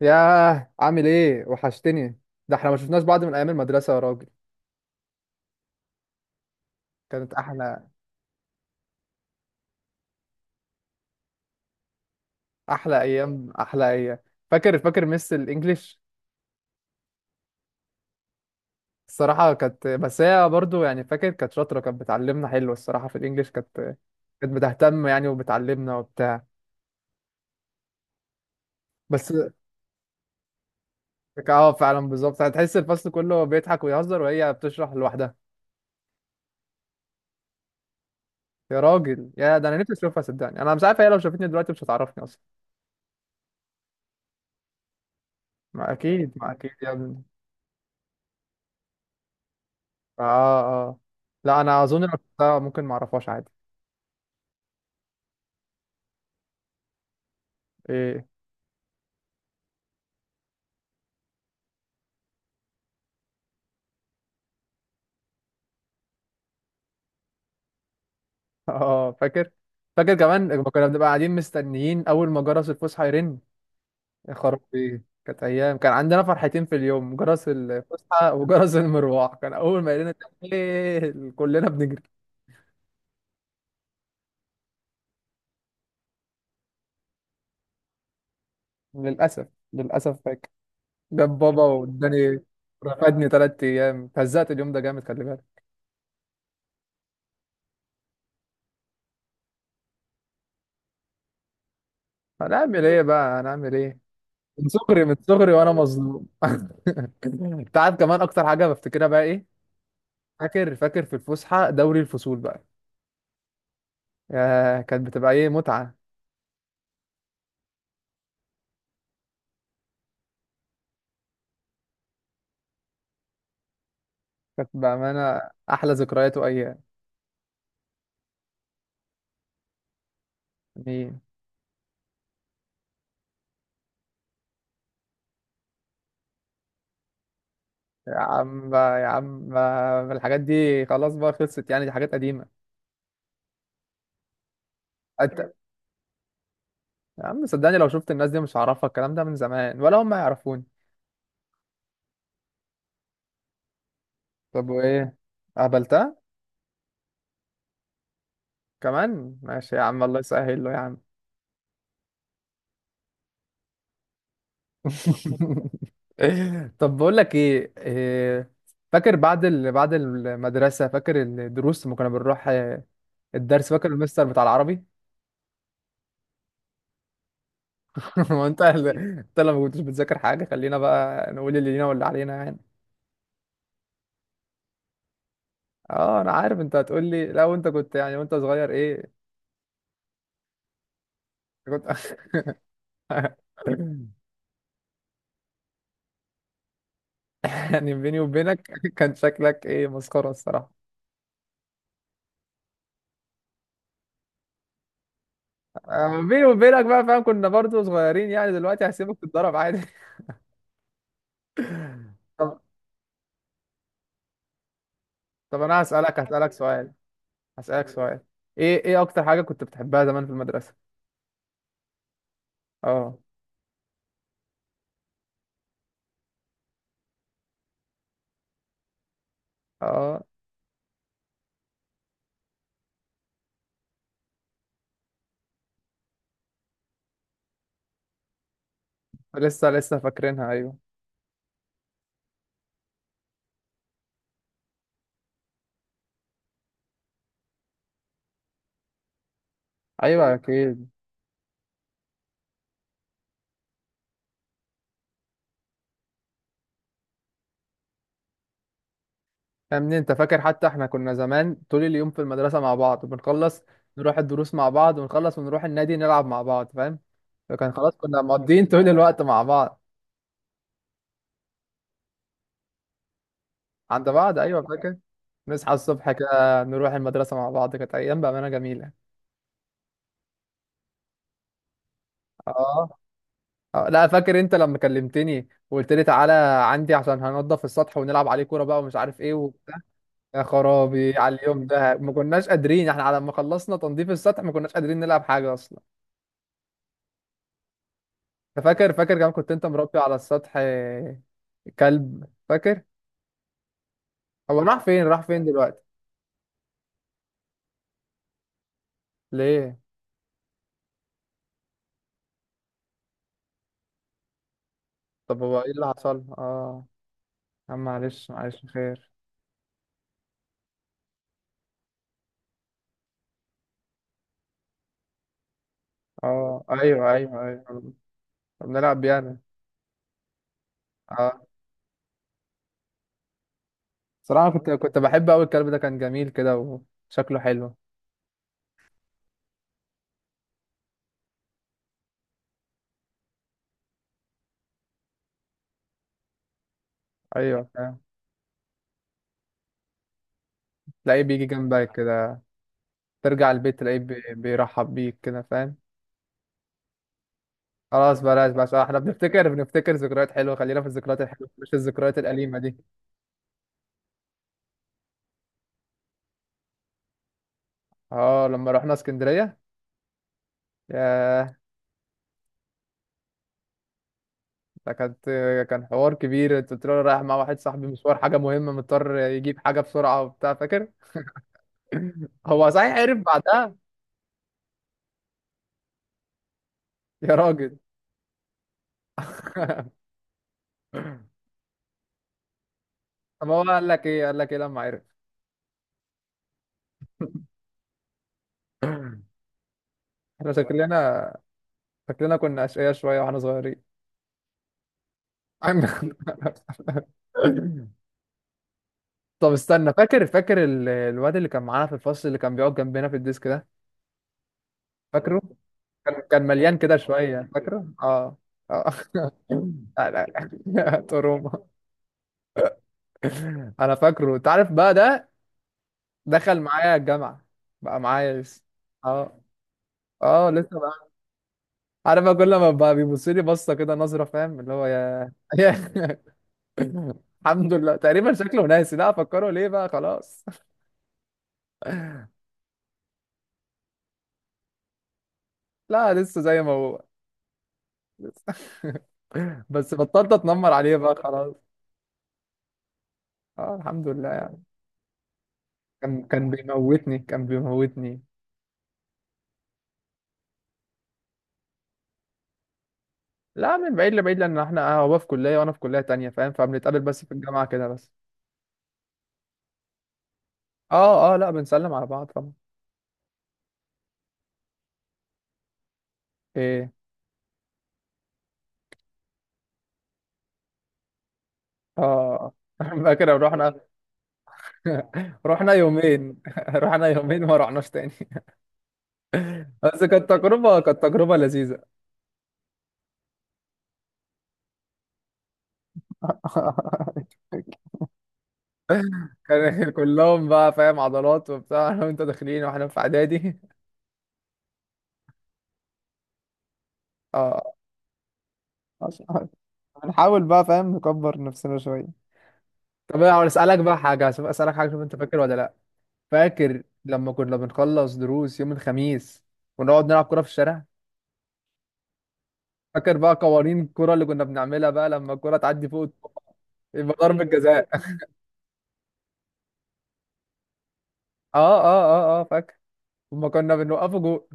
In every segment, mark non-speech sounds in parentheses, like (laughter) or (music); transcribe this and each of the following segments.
ياه عامل ايه؟ وحشتني. ده احنا ما شفناش بعض من ايام المدرسة يا راجل. كانت احلى. احلى ايام احلى ايام. فاكر مس الانجليش. الصراحة كانت، بس هي برضو يعني فاكر كانت شاطرة، كانت بتعلمنا حلو الصراحة في الانجليش، كانت كانت بتهتم يعني وبتعلمنا وبتاع. بس اه فعلا بالظبط، هتحس الفصل كله بيضحك ويهزر وهي بتشرح لوحدها. يا راجل يا ده انا نفسي اشوفها، صدقني انا مش عارف هي لو شافتني دلوقتي مش هتعرفني اصلا. ما اكيد ما اكيد يا ابني. اه اه لا انا اظن لو شفتها ممكن ما اعرفهاش عادي. ايه؟ (laughs) اه فاكر كمان لما كنا بنبقى قاعدين مستنيين اول ما جرس الفسحه يرن. يا خرابي، كانت ايام كان عندنا فرحتين في اليوم، جرس الفسحه وجرس المروح، كان اول ما يرن كلنا بنجري. للاسف. للاسف فاكر. جاب بابا واداني. رفدني 3 ايام، فزقت اليوم ده جامد خلي بالك. هنعمل ايه بقى؟ هنعمل ايه؟ من صغري، من صغري وانا مظلوم. (laughs) انت عارف كمان اكتر حاجه بفتكرها بقى ايه؟ فاكر في الفسحه دوري الفصول بقى. يا كانت بتبقى ايه متعه. كانت بامانه احلى ذكريات وايام. يعني. يا عم بقى، يا عم بقى الحاجات دي خلاص بقى، خلصت يعني، دي حاجات قديمه. أنت... يا عم صدقني لو شفت الناس دي مش هعرفها، الكلام ده من زمان، ولا هم يعرفوني. طب وايه؟ قابلتها؟ كمان ماشي يا عم، الله يسهل له يا عم. (laughs) طب بقول لك ايه؟ فاكر بعد بعد المدرسه؟ فاكر الدروس لما كنا بنروح؟ الدرس، فاكر المستر بتاع العربي. (laughs) ما انت لما كنتش بتذاكر حاجه، خلينا بقى نقول اللي لينا واللي علينا يعني. اه انا عارف انت هتقول لي لا، وانت كنت يعني وانت صغير ايه. كنت. (laughs) يعني بيني وبينك كان شكلك ايه؟ مسخره الصراحه. بيني وبينك بقى فاهم، كنا برضو صغيرين يعني، دلوقتي هسيبك تتضرب عادي. (laughs) طب. طب انا هسالك سؤال. هسألك سؤال. ايه ايه اكتر حاجة كنت بتحبها زمان في المدرسة؟ اه اه. لسه لسه فاكرينها ايوه. ايوه اكيد. يا ابني انت فاكر حتى احنا كنا زمان طول اليوم في المدرسة مع بعض، بنخلص نروح الدروس مع بعض، ونخلص ونروح النادي نلعب مع بعض، فاهم؟ فكان خلاص كنا مقضيين طول الوقت مع بعض. عند بعض ايوه فاكر. نصحى الصبح كده، نروح المدرسة مع بعض، كانت ايام بأمانة جميلة. اه. لا فاكر انت لما كلمتني وقلت لي تعالى عندي عشان هننضف السطح ونلعب عليه كورة بقى ومش عارف ايه. يا خرابي على اليوم ده، ما كناش قادرين احنا على ما خلصنا تنظيف السطح ما كناش قادرين نلعب حاجة اصلا. انت فاكر؟ فاكر كمان كنت انت مربي على السطح كلب؟ فاكر. هو راح فين؟ راح فين دلوقتي؟ ليه؟ طب هو ايه اللي حصل؟ اه، يا عم معلش معلش خير. اه ايوه ايوه ايوه. طب نلعب يعني. اه. صراحة كنت كنت بحب قوي الكلب ده، كان جميل كده وشكله حلو. ايوه فاهم. تلاقيه بيجي جنبك كده. ترجع البيت تلاقيه بيرحب بيك كده، فاهم؟ خلاص بلاش بلاش. احنا بنفتكر، بنفتكر ذكريات حلوه، خلينا في الذكريات الحلوه مش الذكريات الأليمة دي. اه لما رحنا اسكندريه. ياه. ده كانت. كان حوار كبير، كنت رايح رايح مع واحد صاحبي مشوار حاجه مهمه مضطر يجيب حاجه بسرعه وبتاع، فاكر؟ (laughs) هو صحيح عرف بعدها؟ يا راجل. (laughs) طب هو قال لك ايه؟ قال لك ايه لما عرف؟ (laughs) احنا شكلنا، شكلنا كنا اشقياء شويه واحنا صغيرين. (laughs) طب استنى، فاكر؟ فاكر الواد اللي كان معانا في الفصل اللي كان بيقعد جنبنا في الديسك ده؟ فاكره؟ كان كان مليان كده شويه، فاكره؟ اه. اه. (laughs) لا. لا. (laughs) تروما. انا فاكره، انت عارف بقى ده دخل معايا الجامعه. بقى معايا لسه. اه. اه لسه بقى. عارف بقى كل ما بقى بيبص لي بصه كده نظره، فاهم اللي هو، يا. يا-. (laughs) الحمد لله تقريبا شكله ناسي، لا افكره ليه بقى خلاص. (laughs) لا لسه زي ما هو. (laughs) لسه. بس بطلت اتنمر عليه بقى خلاص. اه الحمد لله يعني. كان بيموتني، كان بيموتني. لا من بعيد لبعيد، لان احنا هو في كليه وانا في كليه تانية، فاهم؟ فبنتقابل بس في الجامعه كده بس. اه اه لا بنسلم على بعض طبعا. ايه. اه (laughs) فاكر رحنا. (laughs) رحنا يومين، (laughs) رحنا يومين ما رحناش تاني. (laughs) بس كانت تجربه، كانت تجربه لذيذه. (laughs) كان كلهم بقى فاهم عضلات وبتاع، (laughs) انا وانت داخلين واحنا في اعدادي. (laughs) اه. عشان- هنحاول بقى فاهم نكبر نفسنا شوية. طب انا اسالك بقى حاجه، اسالك حاجه، شوف انت فاكر ولا لا. فاكر لما كنا بنخلص دروس يوم الخميس، ونقعد نلعب كرة في الشارع؟ فاكر بقى قوانين الكرة اللي كنا بنعملها بقى؟ لما الكرة تعدي فوق الطوبة يبقى ضربة جزاء. (laughs) اه اه اه اه فاكر. وما كنا بنوقفه جول.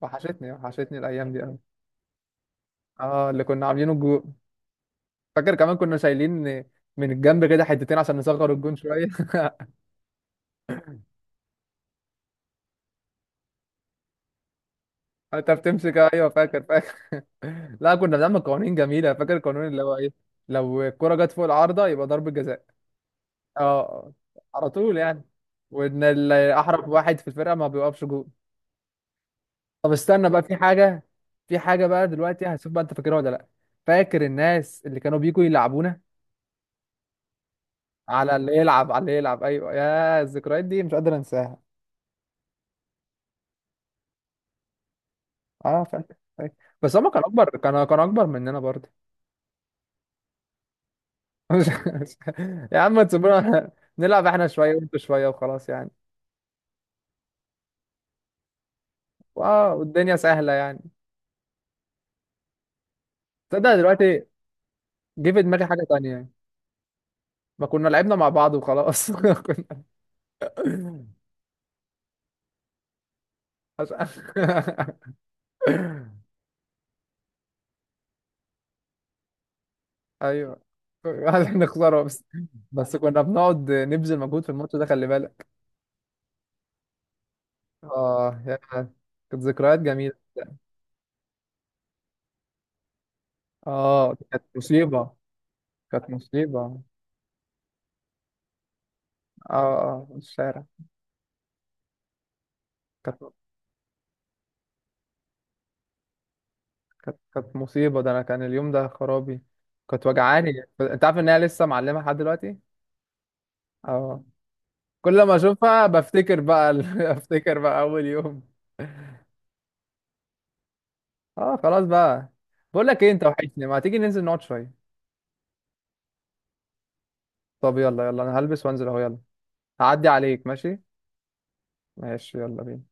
وحشتني، وحشتني الايام دي قوي. اه اللي كنا عاملينه الجول. فاكر كمان كنا شايلين من الجنب كده حتتين عشان نصغر الجون شوية. (laughs) انت بتمسك، ايوه فاكر فاكر. (laughs) لا كنا بنعمل قوانين جميلة، فاكر القانون اللي هو ايه؟ لو الكرة جت فوق العارضة يبقى ضربة جزاء. اه، على طول يعني. وان احرف واحد في الفرقه ما بيوقفش جول. طب استنى بقى، في حاجه، في حاجه بقى دلوقتي هشوف بقى انت فاكرها ولا لا. فاكر الناس اللي كانوا بيجوا يلعبونا؟ على اللي يلعب، على اللي يلعب، ايوه، يا الذكريات دي مش قادر انساها. اه فاكر فاكر. بس هما كانوا اكبر، كانوا اكبر مننا برضه. (laughs) مش- مش- يا عم تسيبونا (laughs) نلعب احنا شويه وانتوا شويه وخلاص يعني. واه والدنيا سهله يعني. تصدق دلوقتي جه في دماغي حاجه تانية. ما كنا لعبنا مع بعض وخلاص. (laughs) عشان. (laughs) ايوه. عشان نخسره بس. بس كنا بنقعد نبذل مجهود في الماتش ده خلي بالك. اه يا كانت ذكريات جميلة. اه كانت مصيبة. كانت مصيبة اه. اه الشارع. كانت. كانت مصيبة، ده انا كان اليوم ده خرابي. كانت وجعاني، انت عارف ان هي لسه معلمة لحد دلوقتي. اه. كل ما اشوفها بفتكر بقى (laughs) بفتكر بقى اول يوم. اه خلاص بقى. بقول لك ايه؟ انت وحشني، ما تيجي ننزل نقعد شوية؟ طب يلا يلا انا هلبس وانزل اهو، يلا. هعدي عليك، ماشي. ماشي يلا بينا.